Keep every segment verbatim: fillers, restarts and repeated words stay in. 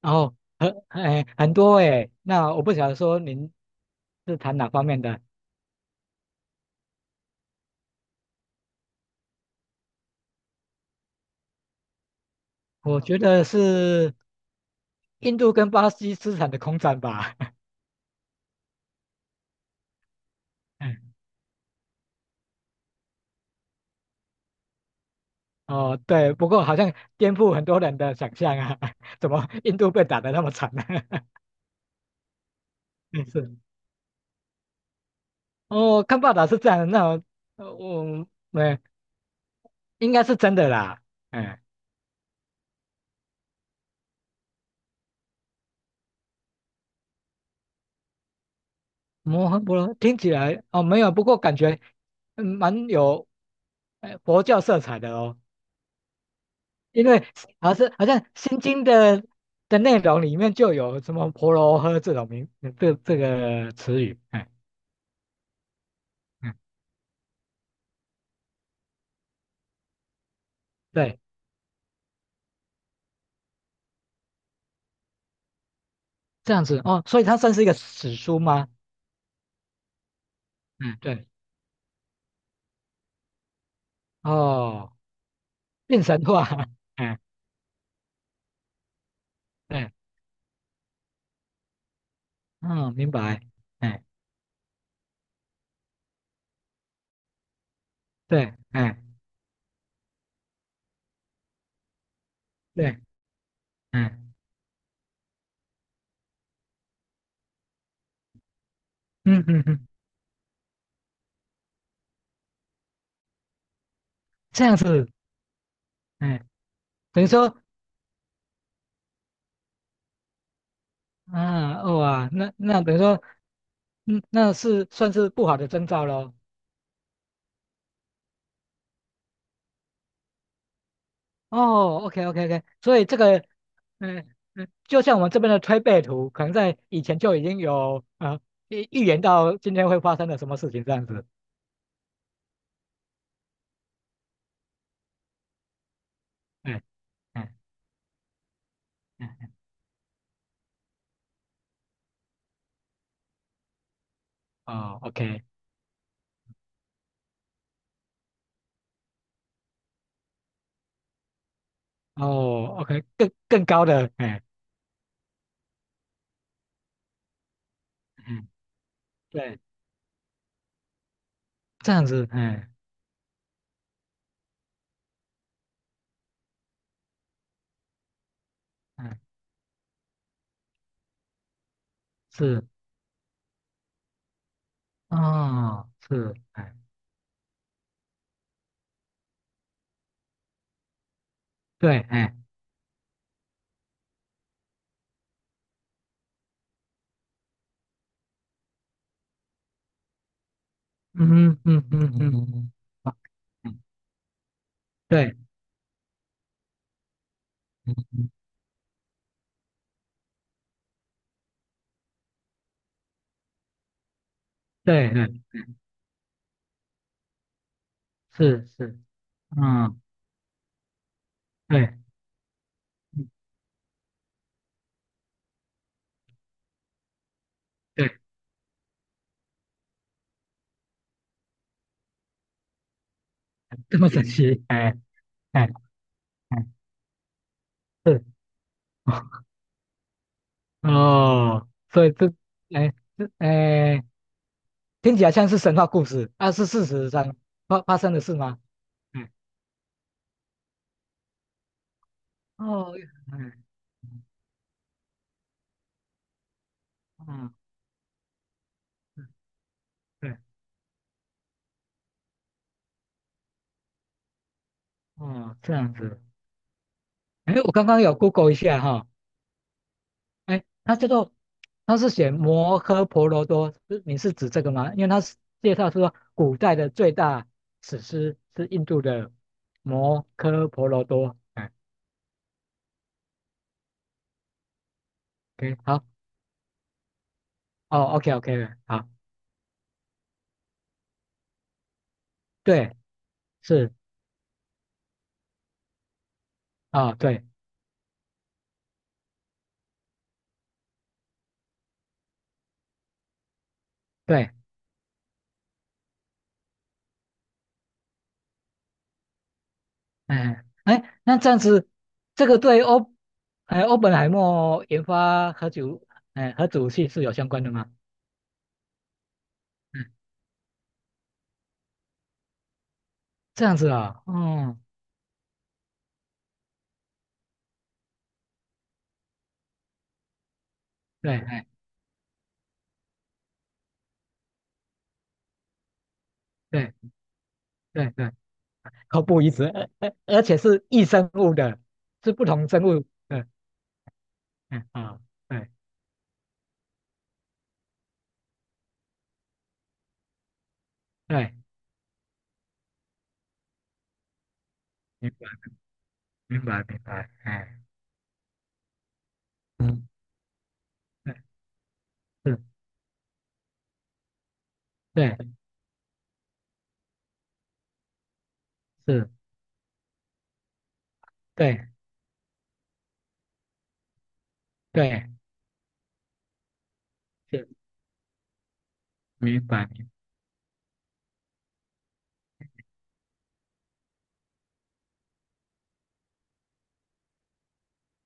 然后很哎很多哎，那我不晓得说您是谈哪方面的。我觉得是印度跟巴西资产的空战吧。嗯哦，对，不过好像颠覆很多人的想象啊，怎么印度被打得那么惨呢？嗯是，哦，看报道是这样的。那我呃我没应该是真的啦，哎，摩诃婆罗听起来哦没有，不过感觉嗯蛮有呃佛教色彩的哦。因为好像好像《心经》的的内容里面就有什么婆罗诃这种名这这个词语，哎嗯，对，这样子哦，所以它算是一个史书吗？嗯，对，哦，变神话，嗯，对，嗯，明白，哎，对，哎，对，嗯嗯嗯嗯，这样子，哎，等于说，啊，哦啊，那那等于说，嗯，那是算是不好的征兆喽。哦，OK OK OK,所以这个嗯嗯，就像我们这边的推背图，可能在以前就已经有啊预预言到今天会发生的什么事情这样子。哎哎哎，哦，OK,哦，OK,更更高的，哎，嗯，对，这样子，哎嗯，是，哦，是，哎，对，哎，嗯嗯嗯嗯嗯，好嗯对，嗯嗯对对，是是，嗯，对嗯对，这么神奇，哎哎哎，是。哦，所以这，哎，这，哎，听起来像是神话故事，啊，是事实上发发生的事吗？哎，哦，哎，嗯，嗯对，哦，这样子，哎，我刚刚有 Google 一下哈，哎，它叫做，它是写摩诃婆罗多，是你是指这个吗？因为它是介绍说古代的最大史诗是印度的摩诃婆罗多，哎，OK,好，哦OK，OK，好，对，是，啊，对。对，哎哎，那这样子，这个对欧，哎，欧本海默研发核主，哎，核武器是有相关的吗？嗯，这样子啊、嗯，哦，对，哎，对对对，口不一致，而而而且是异生物的，是不同生物的，嗯啊、对对，明白明白明白，哎，嗯，对是，对是，对对是，明白明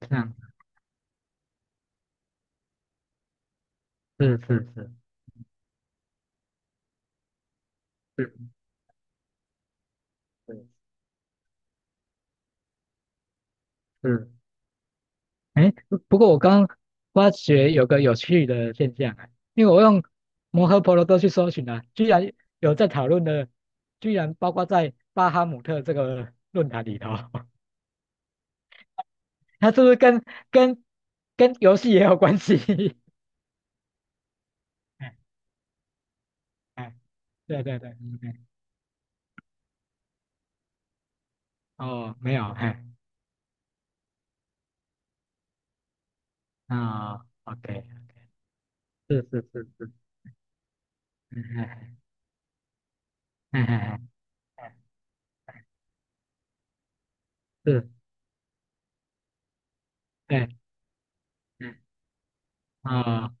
白，这样子，是是是是是。是哎，不过我刚发觉有个有趣的现象啊，因为我用摩诃婆罗多去搜寻啊，居然有在讨论的，居然包括在巴哈姆特这个论坛里头，它是不是跟跟跟游戏也有关系？哎哎，对对对，嗯嗯哦，没有，哎，啊，OK,是是是是，嗯哎哎哎哎，哎哎是，对，嗯，哦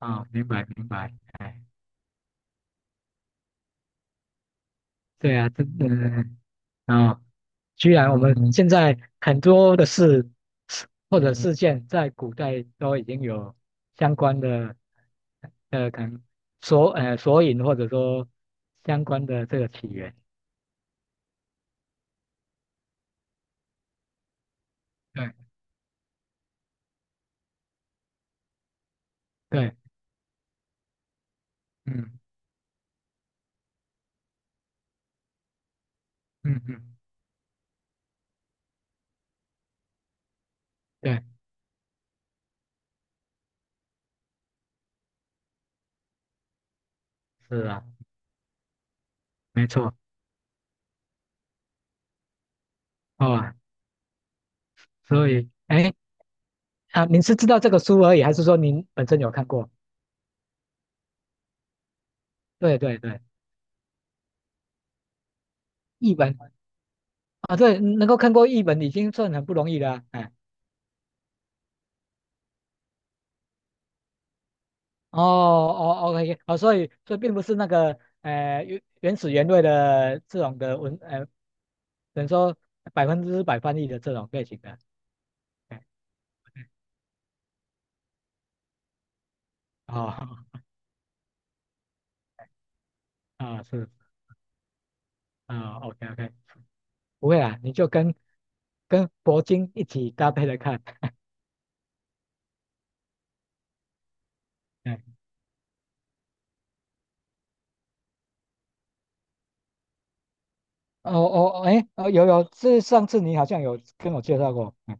哦，明白明白，哎，对啊，这嗯。啊，居然我们嗯现在很多的事或者事件，在古代都已经有相关的呃，可能索呃索引或者说相关的这个起源。对对，嗯嗯嗯，对，是啊，没错哦。所以，哎啊，您是知道这个书而已，还是说您本身有看过？对对对，译本啊，对，能够看过译本已经算很不容易了啊。哎哦哦，OK,哦，所以所以并不是那个呃原原始原味的这种的文呃，等于说百分之百翻译的这种类型的，哎，哦啊是啊，OK OK,不会啊，你就跟跟铂金一起搭配着看，哎，哦哦哎哦有有，是上次你好像有跟我介绍过，嗯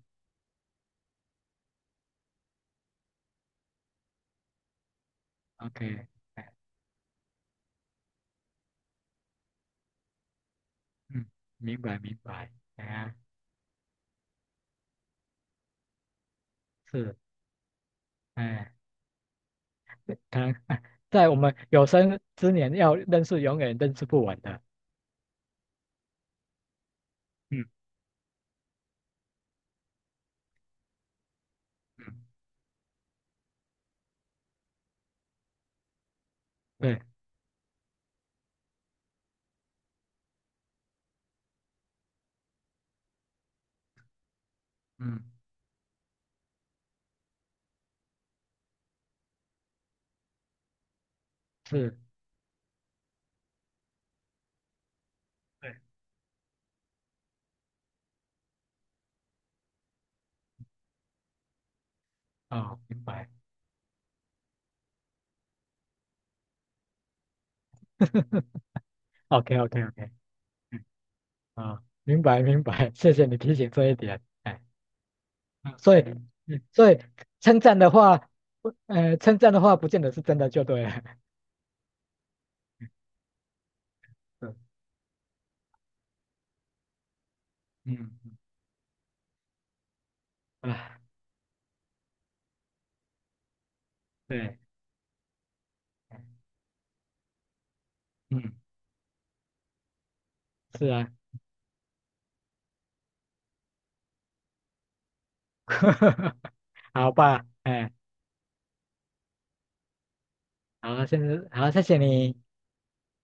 ，OK,哎嗯，明白明白，哎呀是，哎，看 在我们有生之年要认识永远认识不完的。嗯嗯，对，嗯是，对，啊，明白 ，OK OK OK,嗯啊，明白明白，谢谢你提醒这一点，哎，嗯所以嗯所以称赞的话，不呃，称赞的话不见得是真的就对了，嗯嗯嗯啊，对，嗯是啊，好吧，哎，好，现在好，谢谢你。